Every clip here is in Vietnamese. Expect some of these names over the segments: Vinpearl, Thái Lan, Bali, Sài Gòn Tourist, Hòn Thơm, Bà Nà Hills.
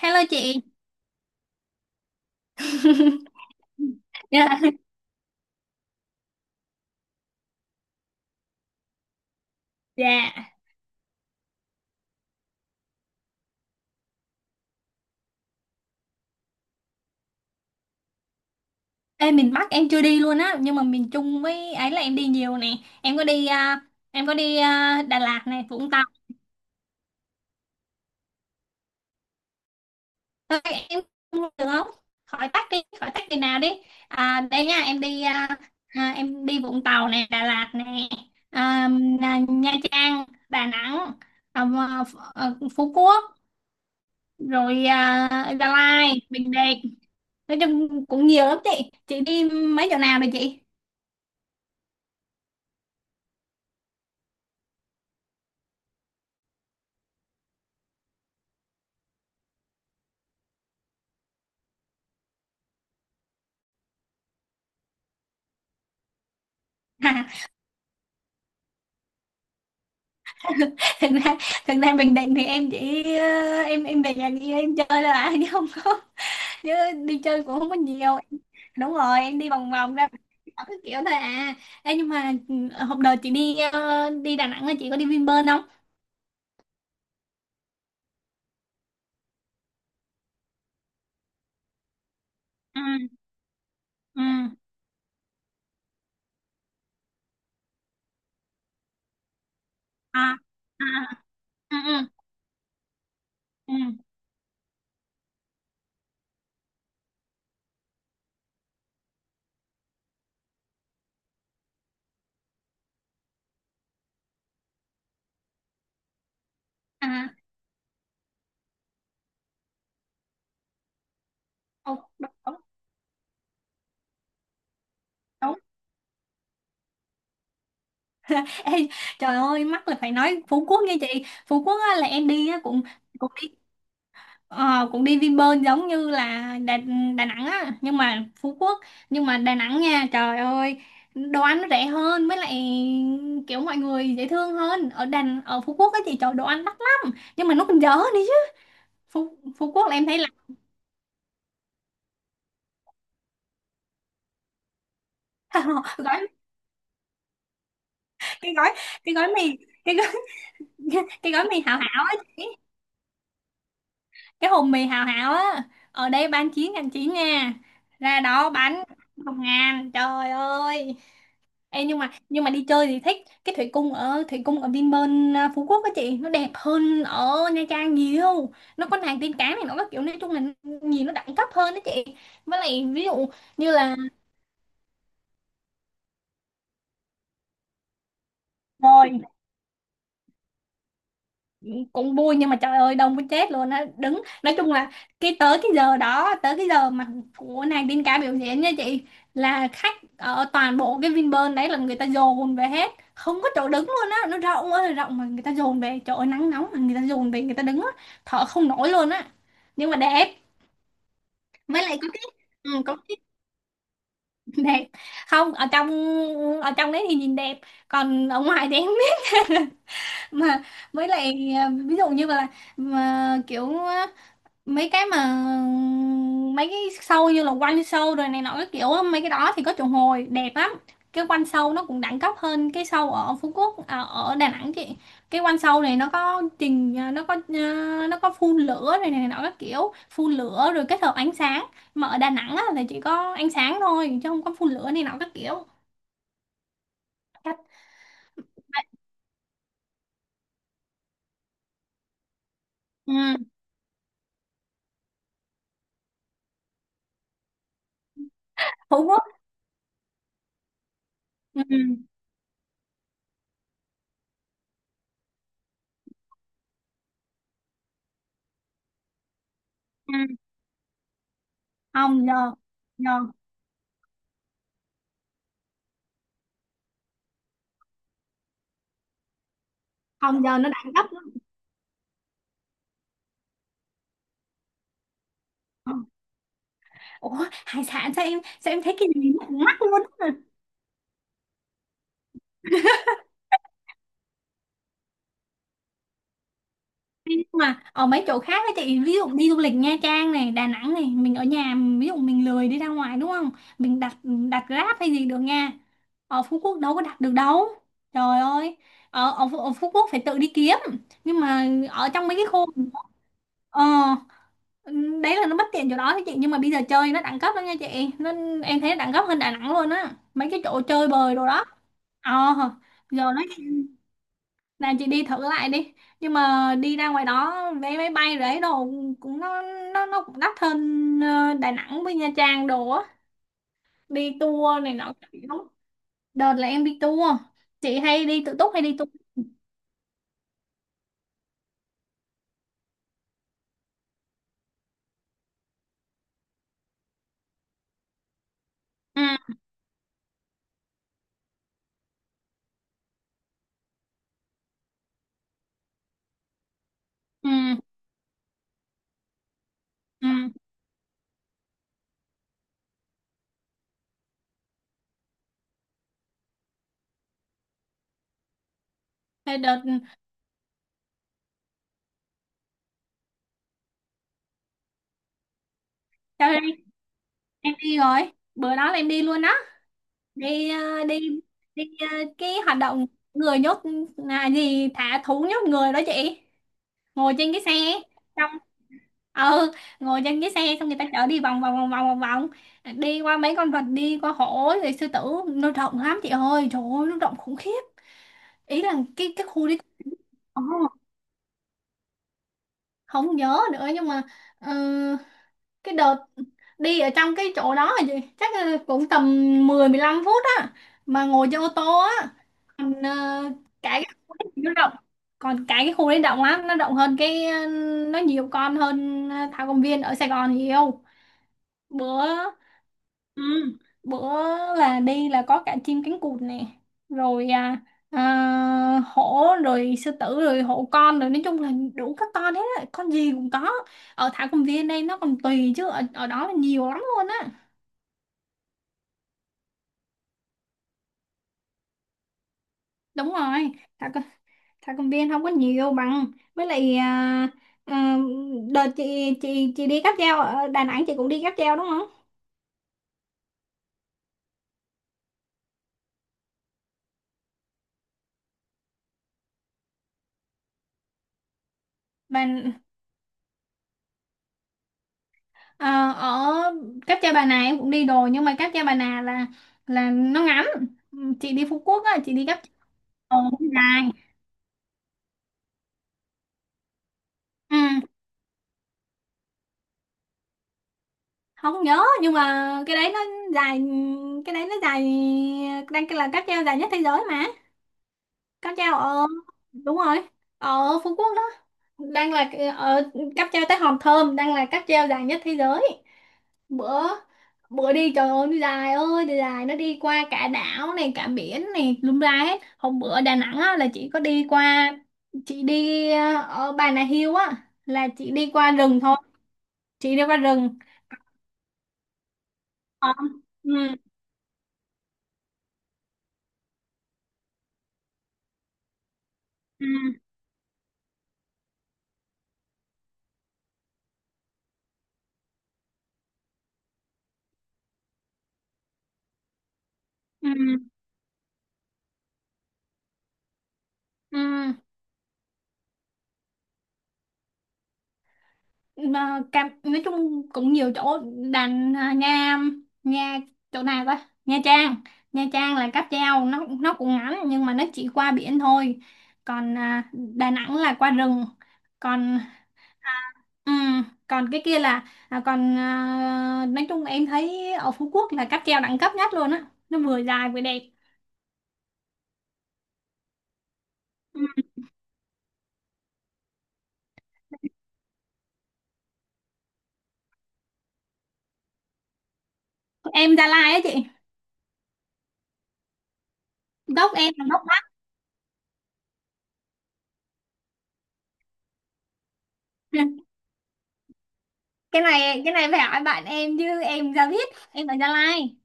Hello chị. Dạ. Dạ. Ê, miền Bắc em chưa đi luôn á, nhưng mà miền Trung với ấy là em đi nhiều nè. Em có đi à, em có đi Đà Lạt này, Vũng Tàu. Thôi em không được không? Khỏi tắc đi nào đi. À, đây nha, em đi Vũng Tàu nè, Đà Lạt nè, à, Nha Trang, Đà Nẵng, à, Phú Quốc, rồi Gia Lai, Bình Định. Nói chung cũng nhiều lắm chị. Chị đi mấy chỗ nào rồi chị? thực ra thực ra Bình Định thì em chỉ ờ, em về nhà đi em chơi là chứ đi chơi cũng không có nhiều. Đúng rồi, em đi vòng vòng ra đảo cái kiểu thôi à. Ê, nhưng mà hôm đợt chị đi đi Đà Nẵng là chị có đi Vinpearl không? Ừ, ừ. À, à. Ừ, ừ, ừ. À. Đúng, đúng, đúng. Đúng. Ê, trời ơi, mắc là phải nói Phú Quốc nha chị. Phú Quốc á, là em đi á, cũng cũng đi. Ờ, cũng đi Vinpearl giống như là Đà Nẵng á, nhưng mà Đà Nẵng nha trời ơi, đồ ăn nó rẻ hơn, với lại kiểu mọi người dễ thương hơn. Ở Đà, ở Phú Quốc á chị, trời, đồ ăn đắt lắm nhưng mà nó còn dở đi chứ. Phú Quốc là em thấy là gói cái gói cái gói mì cái gói, cái gói mì hảo hảo á chị. Cái hồn mì hảo hảo á, ở đây bán 9.900 nha, ra đó bán 1.000. Trời ơi. Ê, nhưng mà đi chơi thì thích. Cái thủy cung, ở Vinpearl Phú Quốc á chị, nó đẹp hơn ở Nha Trang nhiều. Nó có nàng tiên cá này, nó có kiểu, nói chung là nhìn nó đẳng cấp hơn đó chị. Với lại ví dụ như là. Rồi, cũng vui nhưng mà trời ơi đông muốn chết luôn á. Đứng, nói chung là cái tới cái giờ đó tới cái giờ mà của nàng Đinh Ca biểu diễn nha chị, là khách ở toàn bộ cái Vinpearl đấy là người ta dồn về hết, không có chỗ đứng luôn á, nó rộng ơi là rộng mà người ta dồn về, trời ơi nắng nóng mà người ta dồn về, người ta đứng á, thở không nổi luôn á, nhưng mà đẹp. Mới lại có cái đẹp. Không, ở trong đấy thì nhìn đẹp, còn ở ngoài thì em không biết. Mà với lại ví dụ như là, mà kiểu, mấy cái mà mấy cái show như là quanh show rồi này nọ cái kiểu á, mấy cái đó thì có triệu hồi đẹp lắm. Cái quanh show nó cũng đẳng cấp hơn cái show ở Phú Quốc, à, ở Đà Nẵng chị. Cái quanh show này nó có trình à, nó có phun lửa rồi này nọ các kiểu, phun lửa rồi kết hợp ánh sáng, mà ở Đà Nẵng á, là chỉ có ánh sáng thôi chứ không có phun lửa này nọ các kiểu. Ừ. Phú Quốc. Ừ. Ừ. Không, giờ giờ không giờ nó đẳng cấp lắm. Ừ. Ủa, hải sản, sao em thấy cái này nó cũng mắc luôn á. Nhưng mà ở mấy chỗ khác á chị, ví dụ đi du lịch Nha Trang này, Đà Nẵng này, mình ở nhà, ví dụ mình lười đi ra ngoài đúng không, mình đặt đặt Grab hay gì được nha. Ở Phú Quốc đâu có đặt được đâu, trời ơi, ở ở Phú Quốc phải tự đi kiếm, nhưng mà ở trong mấy cái khu ờ đấy là nó bất tiện chỗ đó đó chị, nhưng mà bây giờ chơi nó đẳng cấp lắm nha chị, nó, em thấy nó đẳng cấp hơn Đà Nẵng luôn á, mấy cái chỗ chơi bời đồ đó. ờ Giờ nó, là chị đi thử lại đi, nhưng mà đi ra ngoài đó vé máy bay rồi ấy đồ cũng, nó, nó cũng đắt hơn Đà Nẵng với Nha Trang đồ á, đi tour này nọ các kiểu. Đợt là em đi tour. Chị hay đi tự túc hay đi tour? Ừ, ừ, ừ. Thế đợt sau đây em đi rồi, bữa đó là em đi luôn đó. Đi ờ, đi đi ờ, Cái hoạt động người nhốt là gì, thả thú nhốt người đó chị, ngồi trên cái xe. ừ Ngồi trên cái xe xong người ta chở đi vòng vòng vòng vòng vòng vòng, đi qua mấy con vật, đi qua hổ rồi sư tử, nó rộng lắm chị ơi, trời ơi nó rộng khủng khiếp, ý là cái khu đi. Ồ, không nhớ nữa, nhưng mà ờ, cái đợt đi ở trong cái chỗ đó là gì, chắc là cũng tầm 10-15 phút á, mà ngồi trên ô tô á. Còn cái khu đấy thì nó rộng, còn cái khu đấy rộng lắm, nó nhiều con hơn thảo công viên ở Sài Gòn nhiều. bữa Ừ, bữa là đi là có cả chim cánh cụt nè, rồi hổ rồi sư tử rồi hổ con rồi, nói chung là đủ các con hết á, con gì cũng có. Ở thảo cầm viên đây nó còn tùy chứ, ở đó là nhiều lắm luôn á. Đúng rồi. thảo, c- Thảo cầm viên không có nhiều bằng, với lại à, đợt chị, chị đi cáp treo ở Đà Nẵng, chị cũng đi cáp treo đúng không? Đà, Ờ, ở cáp treo Bà Nà em cũng đi đồ, nhưng mà cáp treo Bà Nà là nó ngắn. Ừ, chị đi Phú Quốc á chị đi cáp treo, nó dài. ừ, Không nhớ nhưng mà cái đấy nó dài, cái đấy nó dài đang là cáp treo dài nhất thế giới mà. Cáp treo đúng rồi, ở Phú Quốc đó, đang là, ở cáp treo tới Hòn Thơm đang là cáp treo dài nhất thế giới. Bữa Bữa đi trời ơi nó dài ơi, đi dài, nó đi qua cả đảo này cả biển này lung la hết. Hôm bữa Đà Nẵng á, là chị có đi qua, chị đi ở Bà Nà Hills á, là chị đi qua rừng thôi, chị đi qua rừng. Ờ. Ừ, ừ, ừ, ừ. Ừ. Mà cam nói chung cũng nhiều chỗ. Đành nha. nha Chỗ nào ta? Nha Trang. Nha Trang là cáp treo nó cũng ngắn, nhưng mà nó chỉ qua biển thôi, còn Đà Nẵng là qua rừng, còn còn cái kia là nói chung em thấy ở Phú Quốc là cáp treo đẳng cấp nhất luôn á, nó vừa dài vừa đẹp. Ừm, em Gia Lai á chị. Gốc em là gốc Bắc. Cái này phải hỏi bạn em chứ em ra biết, em ở Gia Lai.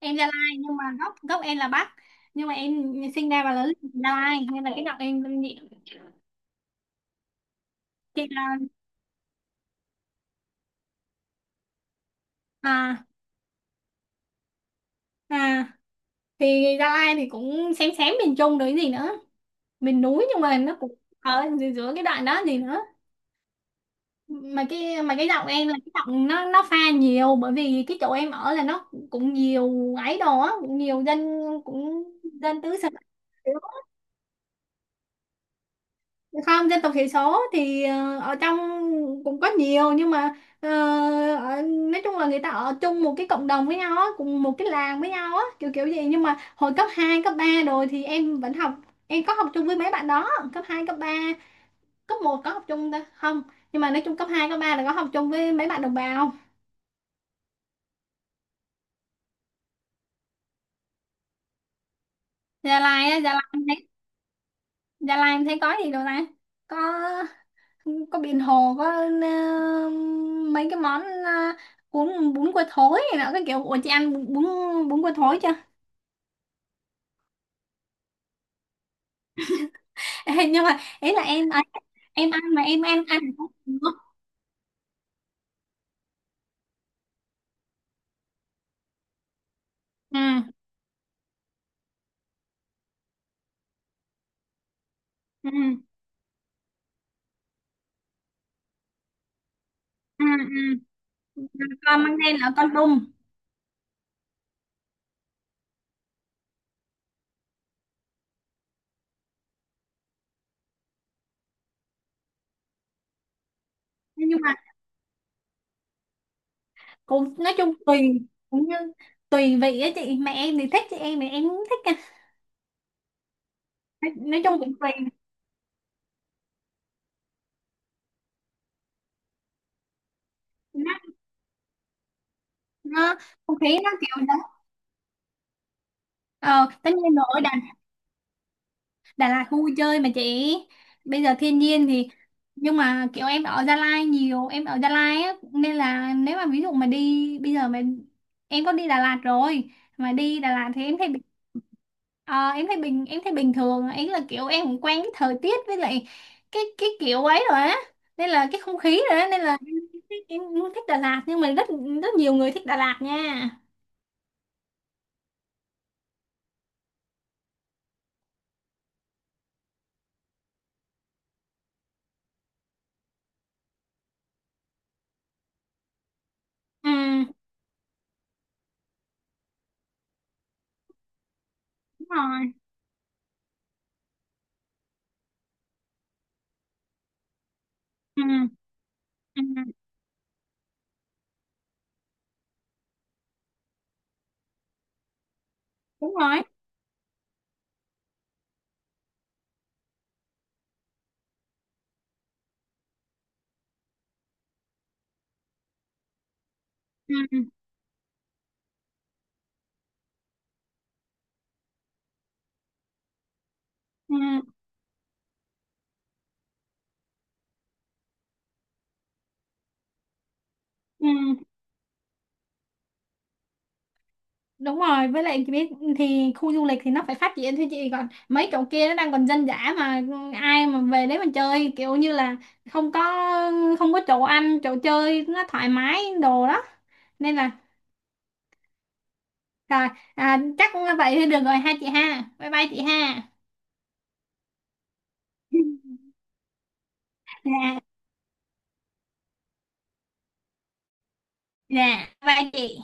Em Gia Lai nhưng mà gốc gốc em là Bắc, nhưng mà em sinh ra và lớn lên ở Gia Lai nên là cái giọng em âm chị là. à à thì Gia Lai thì cũng xém xém miền Trung đấy gì nữa, miền núi nhưng mà nó cũng ở giữa giữa cái đoạn đó gì nữa. Mà cái mà Cái giọng em là cái giọng nó pha nhiều, bởi vì cái chỗ em ở là nó cũng nhiều ấy đồ á, cũng nhiều dân, cũng dân tứ xứ. Không, dân tộc thiểu số thì ở trong cũng có nhiều, nhưng mà ờ, nói chung là người ta ở chung một cái cộng đồng với nhau á, cùng một cái làng với nhau á kiểu kiểu gì, nhưng mà hồi cấp 2 cấp 3 rồi thì em vẫn học, em có học chung với mấy bạn đó cấp 2 cấp ba. Cấp một có học chung ta không? Nhưng mà nói chung cấp 2 cấp 3 là có học chung với mấy bạn đồng bào. Gia Lai á, Gia Lai em thấy có gì đâu ta? có có biển hồ, có ờ, mấy cái món bún bún cua thối này nọ cái kiểu. Ủa, chị ăn bún bún bún cua thối chưa? Ê, nhưng mà ý là em ấy, em ăn mà em ăn ăn không được, không? Ừ, ừ, ừ, ừ. Con mang đen là con đùng. Nhưng mà cũng nói chung tùy, cũng như tùy vị á chị, mẹ em thì thích, chị em thì em cũng thích à. Nói chung cũng tùy. nó, nó không khí nó kiểu đó. Ờ Tất nhiên rồi. Đà Lạt khu vui chơi mà chị, bây giờ thiên nhiên thì. Nhưng mà kiểu em ở Gia Lai nhiều, em ở Gia Lai á nên là nếu mà ví dụ mà đi bây giờ mà em có đi Đà Lạt rồi, mà đi Đà Lạt thì em thấy ờ, em thấy em thấy bình thường ấy, là kiểu em cũng quen cái thời tiết, với lại cái kiểu ấy rồi á, nên là cái không khí rồi á, nên là em cũng thích Đà Lạt, nhưng mà rất, rất nhiều người thích Đà Lạt nha. Ừ, đúng rồi. ừ, ừ Đúng rồi. Ừ, ừ, ừ, ừ. Đúng rồi, với lại chị biết thì khu du lịch thì nó phải phát triển thôi chị, còn mấy chỗ kia nó đang còn dân dã mà, ai mà về đấy mà chơi kiểu như là, không có không có chỗ ăn, chỗ chơi nó thoải mái đồ đó. Nên là, rồi à, chắc vậy thì được rồi ha chị ha. Bye bye chị ha. Dạ, dạ, bye chị.